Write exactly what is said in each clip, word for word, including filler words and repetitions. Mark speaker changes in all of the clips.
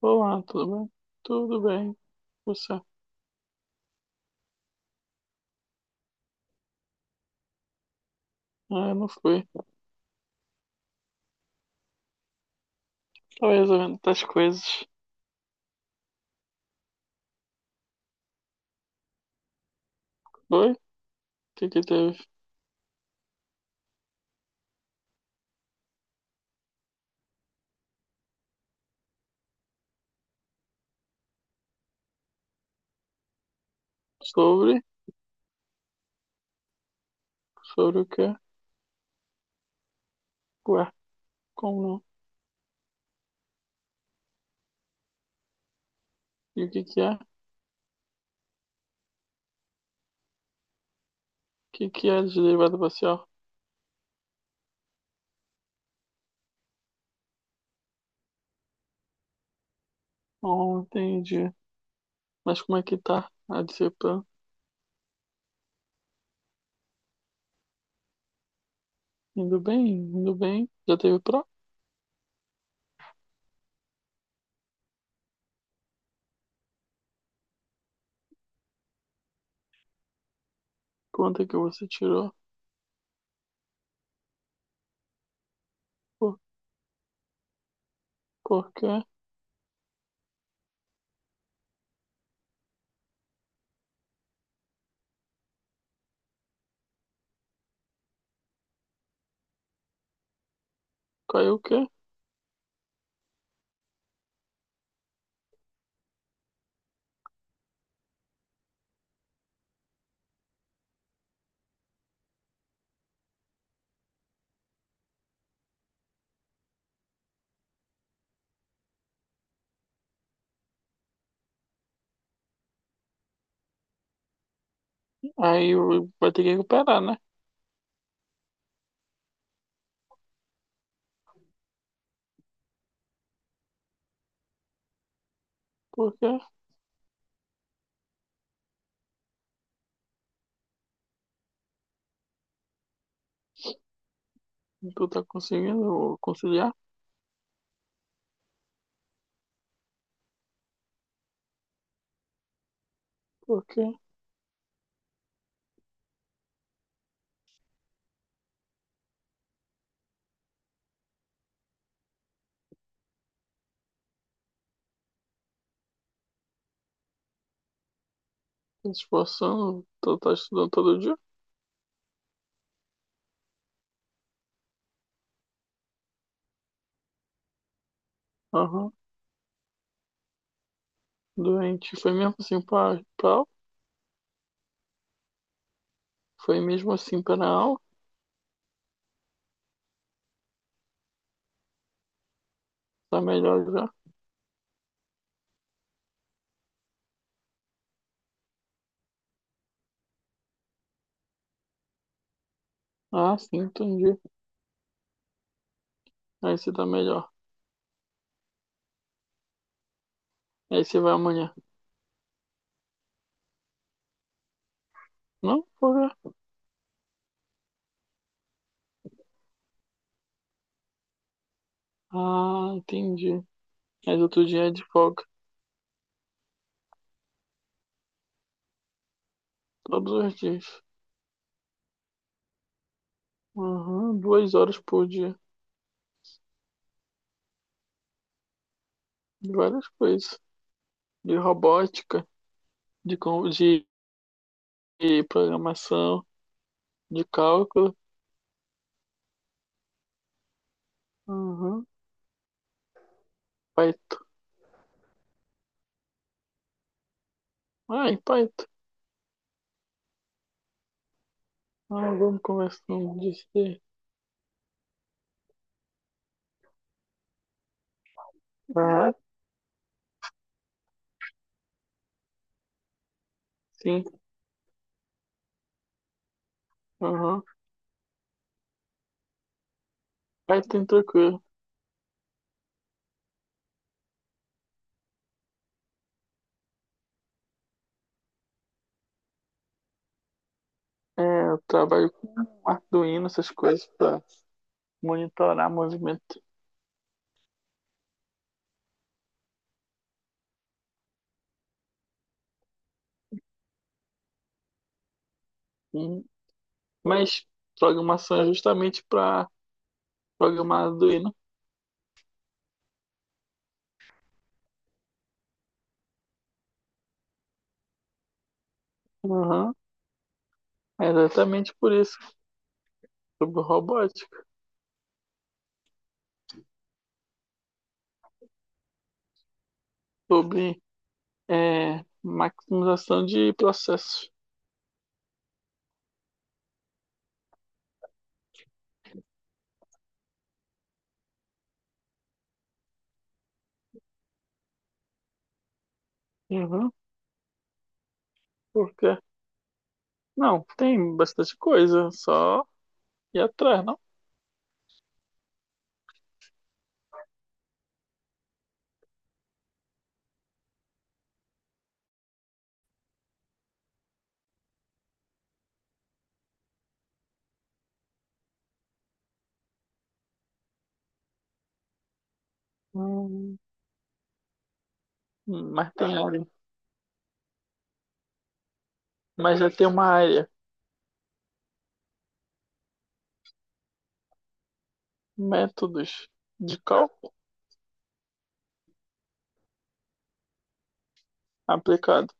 Speaker 1: Olá, tudo bem? Tudo bem. Você? Ah, eu não fui. Estava resolvendo outras coisas. Oi? O que que teve? Sobre? Sobre o quê? Ué, como não? E o que que é? O que que é de derivada parcial? Não entendi. Mas como é que tá a disciplina? Indo bem? Indo bem? Já teve prova? Quanto é que você tirou? Por, por quê? Caiu o quê? Aí eu- vai ter que recuperar, né? Por quê? Tu tá conseguindo conciliar? Por quê? Se esforçando, tá, tá estudando todo dia? Aham. Doente. Foi mesmo assim pra, pra aula? Foi mesmo assim pra aula? Tá melhor já? Ah, sim, entendi. Aí você tá melhor. Aí você vai amanhã. Não, porra. Ah, entendi. Mas outro dia é de folga. Todos os dias. Aham. Duas horas por dia. De várias coisas. De robótica, de, com- de de programação, de cálculo. Aham. Python. Ah, em Python. Ah, vamos conversando disso aí. Ah, sim. Aham. Aí tem tranquilo. É, eu trabalho com Arduino, essas coisas, para monitorar movimento. Hum, Mas programação é justamente para programar Arduino. Aham. É exatamente por isso. Sobre robótica, sobre é, maximização de processos. Uhum. Porque, não, tem bastante coisa, só ir atrás, não? Hum, Mas tem área. Mas já tem uma área, métodos de cálculo aplicado.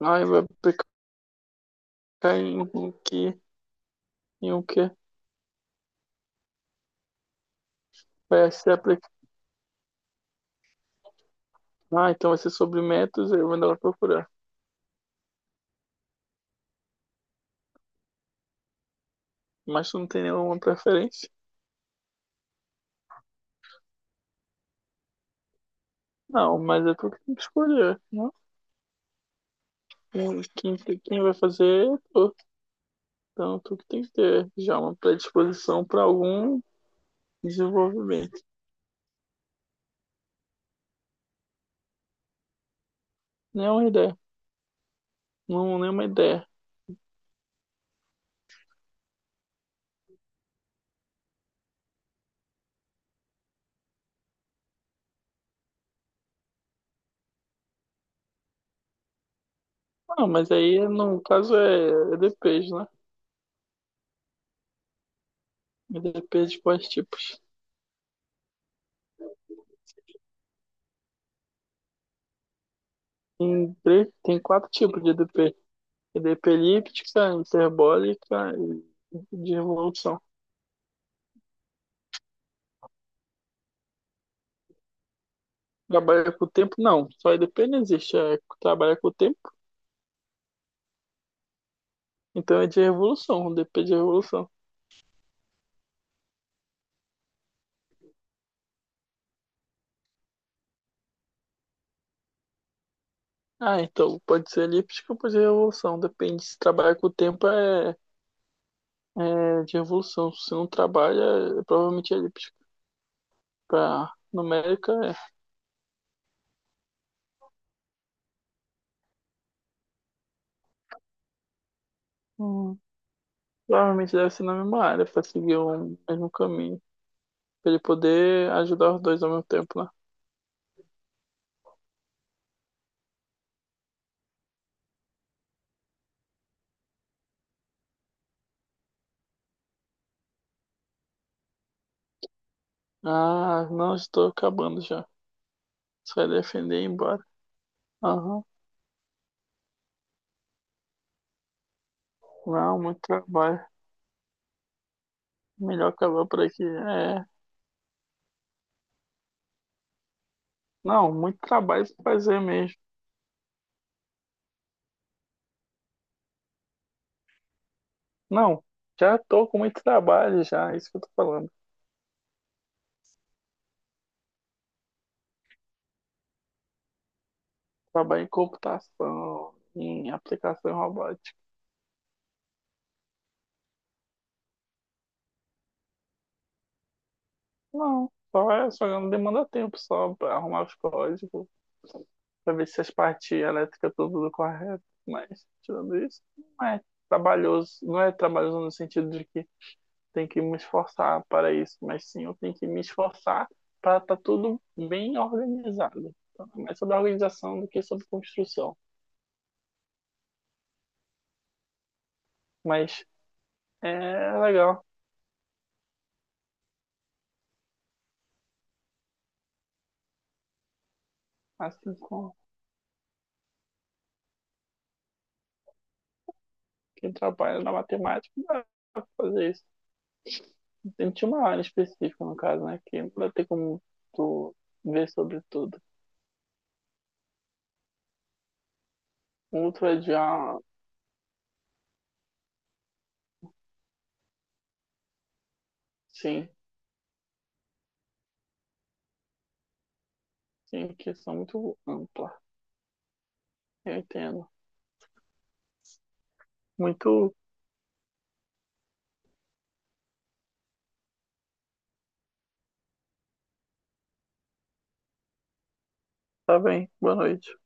Speaker 1: Ai, vai aplicar em o que, em o que vai ser aplicado. Ah, então vai ser sobre métodos, eu vou ela procurar. Mas tu não tem nenhuma preferência? Não, mas é tu que tem que escolher, né? Quem, quem, quem vai fazer é tu. Então tu que tem que ter já uma predisposição para algum desenvolvimento. Nenhuma ideia. Não, nenhuma ideia. Ah, mas aí no caso é E D Pês, né? E D Pês de quais tipos? Tem, três, tem quatro tipos de E D P. E D P elíptica, hiperbólica e de revolução. Trabalha com o tempo? Não, só E D P não existe. É, trabalha com o tempo, então é de revolução, D P de revolução. Ah, então pode ser elíptica ou pode ser revolução. Depende se trabalha com o tempo é, é de revolução. Se não trabalha, é provavelmente é elíptica. Para numérica, é. Hum, Provavelmente deve ser na mesma área, para seguir o mesmo caminho. Para ele poder ajudar os dois ao mesmo tempo, né? Ah, não, estou acabando já. Você vai defender e ir embora. Aham. Não, muito trabalho. Melhor acabar por aqui. É. Não, muito trabalho pra fazer mesmo. Não, já tô com muito trabalho já, é isso que eu tô falando. Trabalho em computação, em aplicação robótica. Não, só é, só não demanda tempo só pra arrumar os códigos, pra ver se as partes elétricas estão tudo correto. Mas, tirando isso, não é trabalhoso. Não é trabalhoso no sentido de que tenho que me esforçar para isso, mas sim eu tenho que me esforçar para estar tá tudo bem organizado. Então, é mais sobre organização do que sobre construção. Mas é legal, assim como quem trabalha na matemática dá pra fazer isso. Tem Tinha uma área específica, no caso, né? Que não vai ter como tu ver sobre tudo. Outro é de ah, sim, sim, questão muito ampla. Eu entendo. Muito. Tá bem, boa noite.